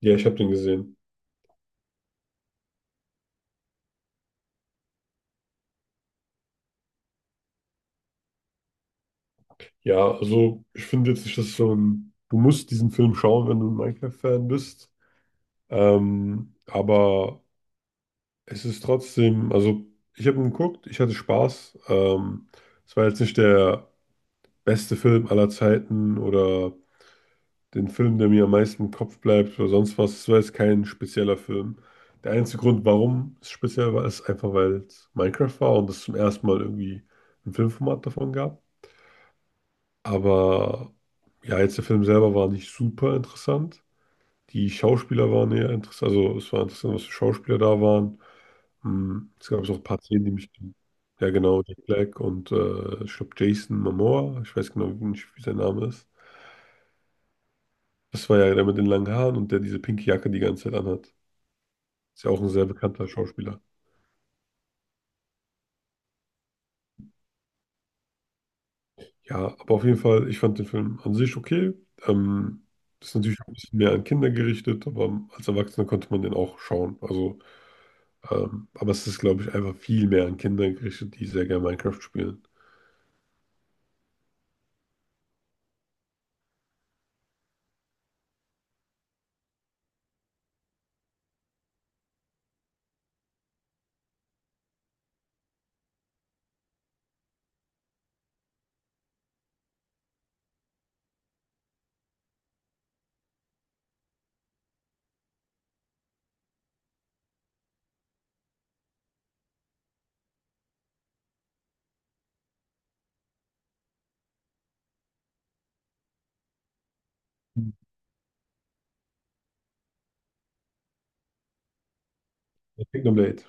Ja, ich habe den gesehen. Ja, also ich finde jetzt nicht, dass du musst diesen Film schauen, wenn du ein Minecraft-Fan bist. Aber also ich habe ihn geguckt, ich hatte Spaß. Es war jetzt nicht der beste Film aller Zeiten oder den Film, der mir am meisten im Kopf bleibt oder sonst was. Es war jetzt kein spezieller Film. Der einzige Grund, warum es speziell war, ist einfach, weil es Minecraft war und es zum ersten Mal irgendwie ein Filmformat davon gab. Aber ja, jetzt der Film selber war nicht super interessant. Die Schauspieler waren eher interessant. Also es war interessant, was für Schauspieler da waren. Es gab so ein paar Szenen, die mich. Ja, genau, Jack Black und ich glaube Jason Momoa. Ich weiß genau nicht, wie sein Name ist. Das war ja der mit den langen Haaren und der diese pinke Jacke die ganze Zeit anhat. Ist ja auch ein sehr bekannter Schauspieler. Ja, aber auf jeden Fall, ich fand den Film an sich okay. Ähm, ist natürlich auch ein bisschen mehr an Kinder gerichtet, aber als Erwachsener konnte man den auch schauen. Also aber es ist, glaube ich, einfach viel mehr an Kinder gerichtet, die sehr gerne Minecraft spielen. Mhm. Kingdom Blade.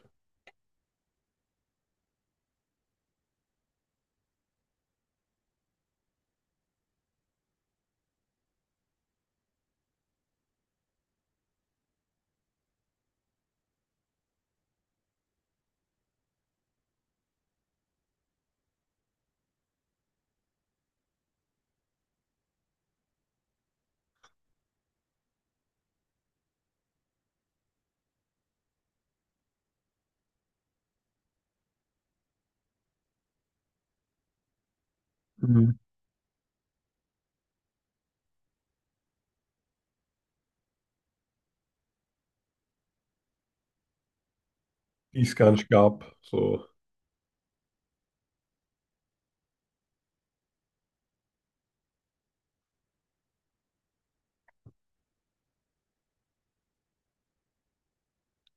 Mhm. Die es gar nicht gab. So.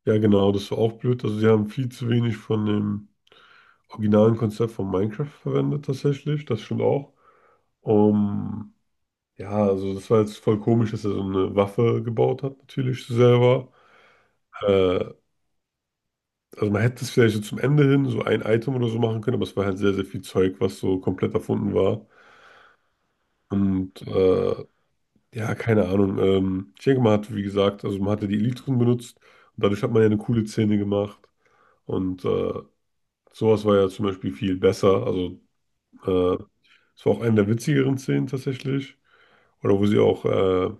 Ja, genau, das war auch blöd. Also sie haben viel zu wenig von dem originalen Konzept von Minecraft verwendet tatsächlich. Das stimmt auch. Um Ja, also das war jetzt voll komisch, dass er so eine Waffe gebaut hat, natürlich selber. Äh, also man hätte es vielleicht so zum Ende hin so ein Item oder so machen können, aber es war halt sehr, sehr viel Zeug, was so komplett erfunden war. Und äh, Ja, keine Ahnung. Ich denke, man hat, wie gesagt, also man hatte die Elytren benutzt und dadurch hat man ja eine coole Szene gemacht. Und äh, sowas war ja zum Beispiel viel besser. Also äh, es war auch eine der witzigeren Szenen tatsächlich. Oder wo sie auch,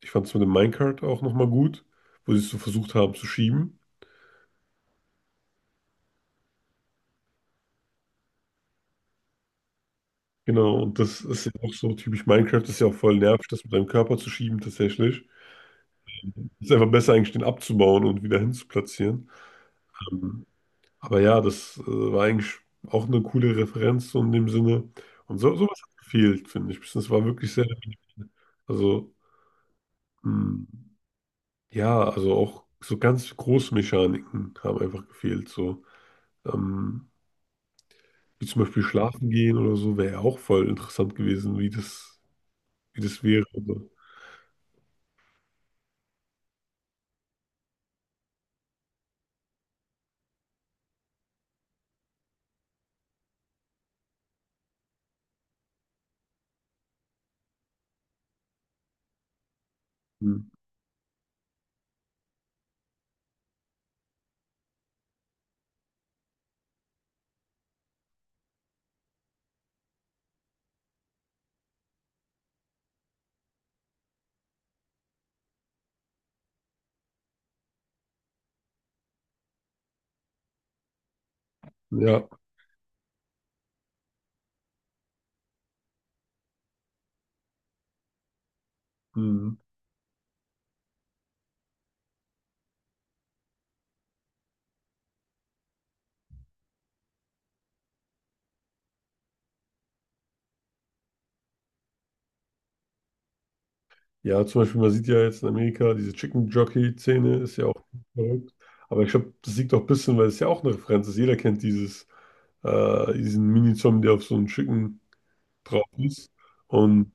ich fand es mit dem Minecart auch nochmal gut, wo sie es so versucht haben zu schieben. Genau, und das ist ja auch so typisch Minecraft, das ist ja auch voll nervig, das mit deinem Körper zu schieben tatsächlich. Es ist einfach besser eigentlich, den abzubauen und wieder hinzuplatzieren. Ähm, Aber ja, das war eigentlich auch eine coole Referenz so in dem Sinne. Und so, sowas hat gefehlt, finde ich. Das war wirklich sehr, also mh, ja, also auch so ganz große Mechaniken haben einfach gefehlt. So, ähm, wie zum Beispiel schlafen gehen oder so, wäre ja auch voll interessant gewesen, wie das wäre. Also, mh, ja. Mh. Ja, zum Beispiel, man sieht ja jetzt in Amerika, diese Chicken Jockey-Szene ist ja auch verrückt. Aber ich glaube, das liegt auch ein bisschen, weil es ja auch eine Referenz ist. Jeder kennt diesen Mini-Zombie, der auf so einem Chicken drauf ist. Und,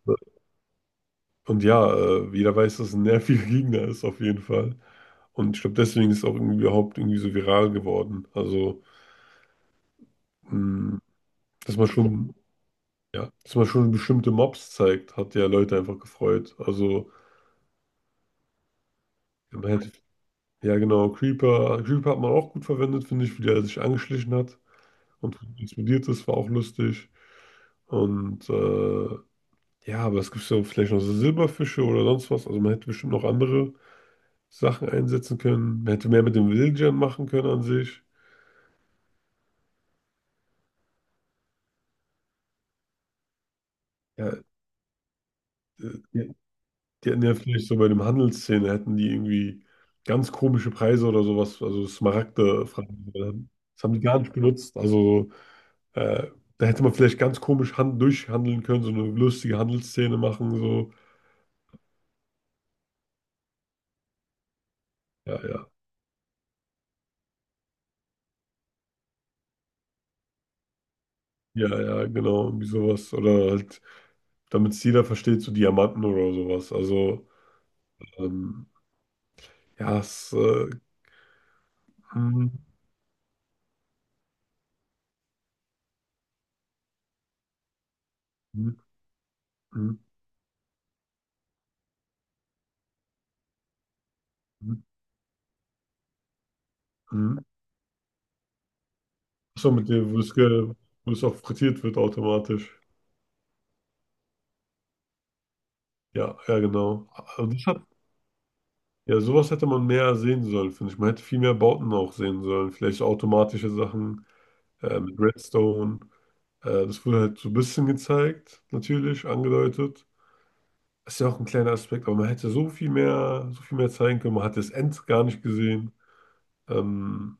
und ja, jeder weiß, dass es ein nerviger Gegner ist, auf jeden Fall. Und ich glaube, deswegen ist es auch irgendwie überhaupt irgendwie so viral geworden. Also, mh, dass man schon, ja, dass man schon bestimmte Mobs zeigt, hat ja Leute einfach gefreut. Also, ja, man hätte Ja, genau. Creeper. Creeper hat man auch gut verwendet, finde ich, wie der sich angeschlichen hat und explodiert ist, war auch lustig. Und ja, aber es gibt ja vielleicht noch so Silberfische oder sonst was. Also man hätte bestimmt noch andere Sachen einsetzen können. Man hätte mehr mit den Villagern machen können an sich. Ja, die, die hätten ja vielleicht so bei dem Handelsszene hätten die irgendwie ganz komische Preise oder sowas, also Smaragde fragen. Das haben die gar nicht benutzt. Also so Äh, da hätte man vielleicht ganz komisch hand durchhandeln können, so eine lustige Handelsszene machen, so. Ja, ja. Ja, ja, genau, irgendwie sowas. Oder halt, damit es jeder versteht, so Diamanten oder sowas. Also, ähm, ja, es. Hm, hm, hm, hm, hm. So mit dem, wo es auch frittiert wird automatisch. Ja, ja, genau. Also das hat, ja, sowas hätte man mehr sehen sollen, finde ich. Man hätte viel mehr Bauten auch sehen sollen. Vielleicht so automatische Sachen mit Redstone. Das wurde halt so ein bisschen gezeigt, natürlich, angedeutet. Ist ja auch ein kleiner Aspekt, aber man hätte so viel mehr zeigen können. Man hat das End gar nicht gesehen. Ähm,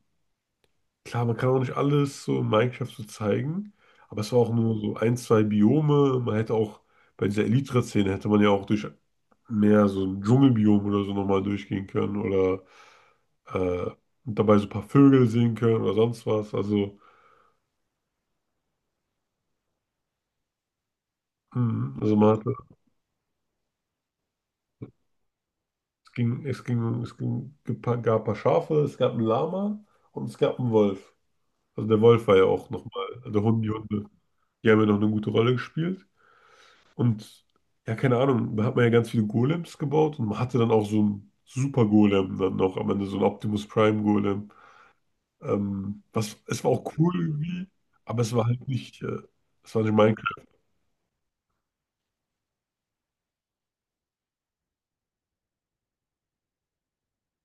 klar, man kann auch nicht alles so in Minecraft so zeigen, aber es war auch nur so ein, zwei Biome. Man hätte auch bei dieser Elytra-Szene hätte man ja auch durch mehr so ein Dschungelbiom oder so nochmal durchgehen können oder äh, und dabei so ein paar Vögel sehen können oder sonst was. Also, also man hat es ging, gab ein paar Schafe, es gab einen Lama und es gab einen Wolf. Also der Wolf war ja auch nochmal, also die haben ja noch eine gute Rolle gespielt. Und ja, keine Ahnung, da hat man ja ganz viele Golems gebaut und man hatte dann auch so einen Super Golem dann noch am Ende, so einen Optimus Prime Golem. Es war auch cool irgendwie, aber es war halt nicht, es war nicht Minecraft.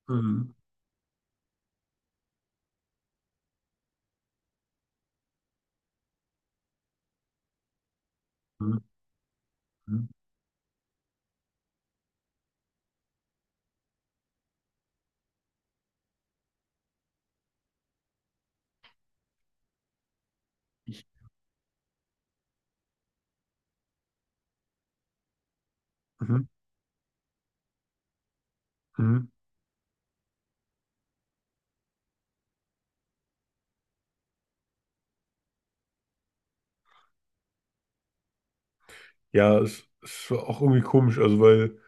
Mhm. Mhm. Mhm. Mhm. Mhm. Ja, es war auch irgendwie komisch, also weil.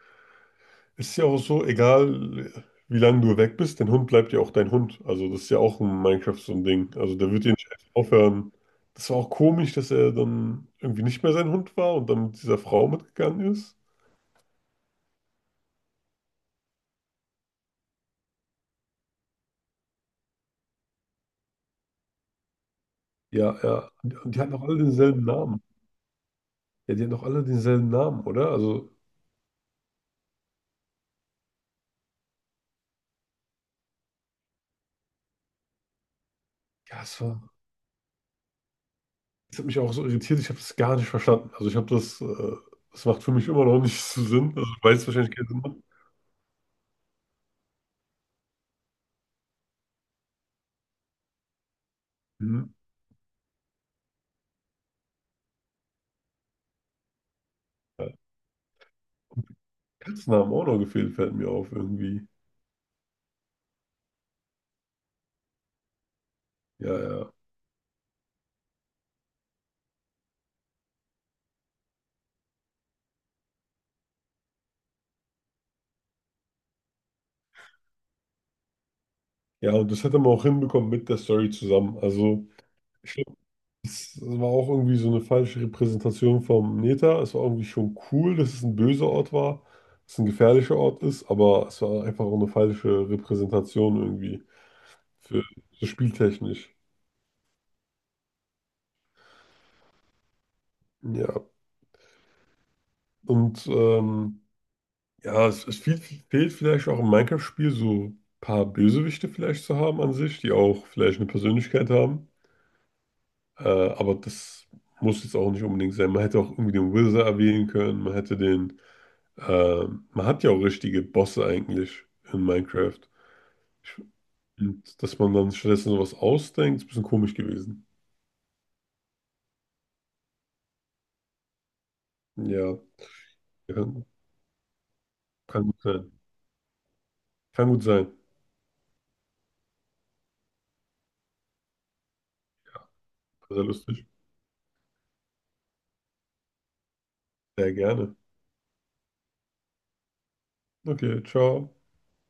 Ist ja auch so, egal wie lange du weg bist, dein Hund bleibt ja auch dein Hund. Also das ist ja auch in Minecraft so ein Ding. Also der wird ja nicht einfach aufhören. Das war auch komisch, dass er dann irgendwie nicht mehr sein Hund war und dann mit dieser Frau mitgegangen ist. Ja, ja. Und die und hatten auch alle denselben Namen. Ja, die hatten auch alle denselben Namen, oder? Also, ja, es war. Das hat mich auch so irritiert, ich habe das gar nicht verstanden. Also ich habe das, das macht für mich immer noch nicht so Sinn. Also ich weiß wahrscheinlich keinen Sinn. Mhm. Ja. Katzennamen auch noch gefehlt, fällt mir auf irgendwie. Ja, ja. Ja, und das hätte man auch hinbekommen mit der Story zusammen. Also, ich glaube, es war auch irgendwie so eine falsche Repräsentation vom Neta. Es war irgendwie schon cool, dass es ein böser Ort war, dass es ein gefährlicher Ort ist, aber es war einfach auch eine falsche Repräsentation irgendwie für so spieltechnisch. Ja, und ja, es fehlt vielleicht auch im Minecraft-Spiel so ein paar Bösewichte vielleicht zu haben an sich, die auch vielleicht eine Persönlichkeit haben. Aber das muss jetzt auch nicht unbedingt sein. Man hätte auch irgendwie den Wizard erwähnen können. Man hätte den. Äh, man hat ja auch richtige Bosse eigentlich in Minecraft. Ich, und dass man dann stattdessen sowas ausdenkt, ist ein bisschen komisch gewesen. Ja, kann, kann gut sein. Kann gut sein. Sehr lustig. Sehr gerne. Okay, ciao.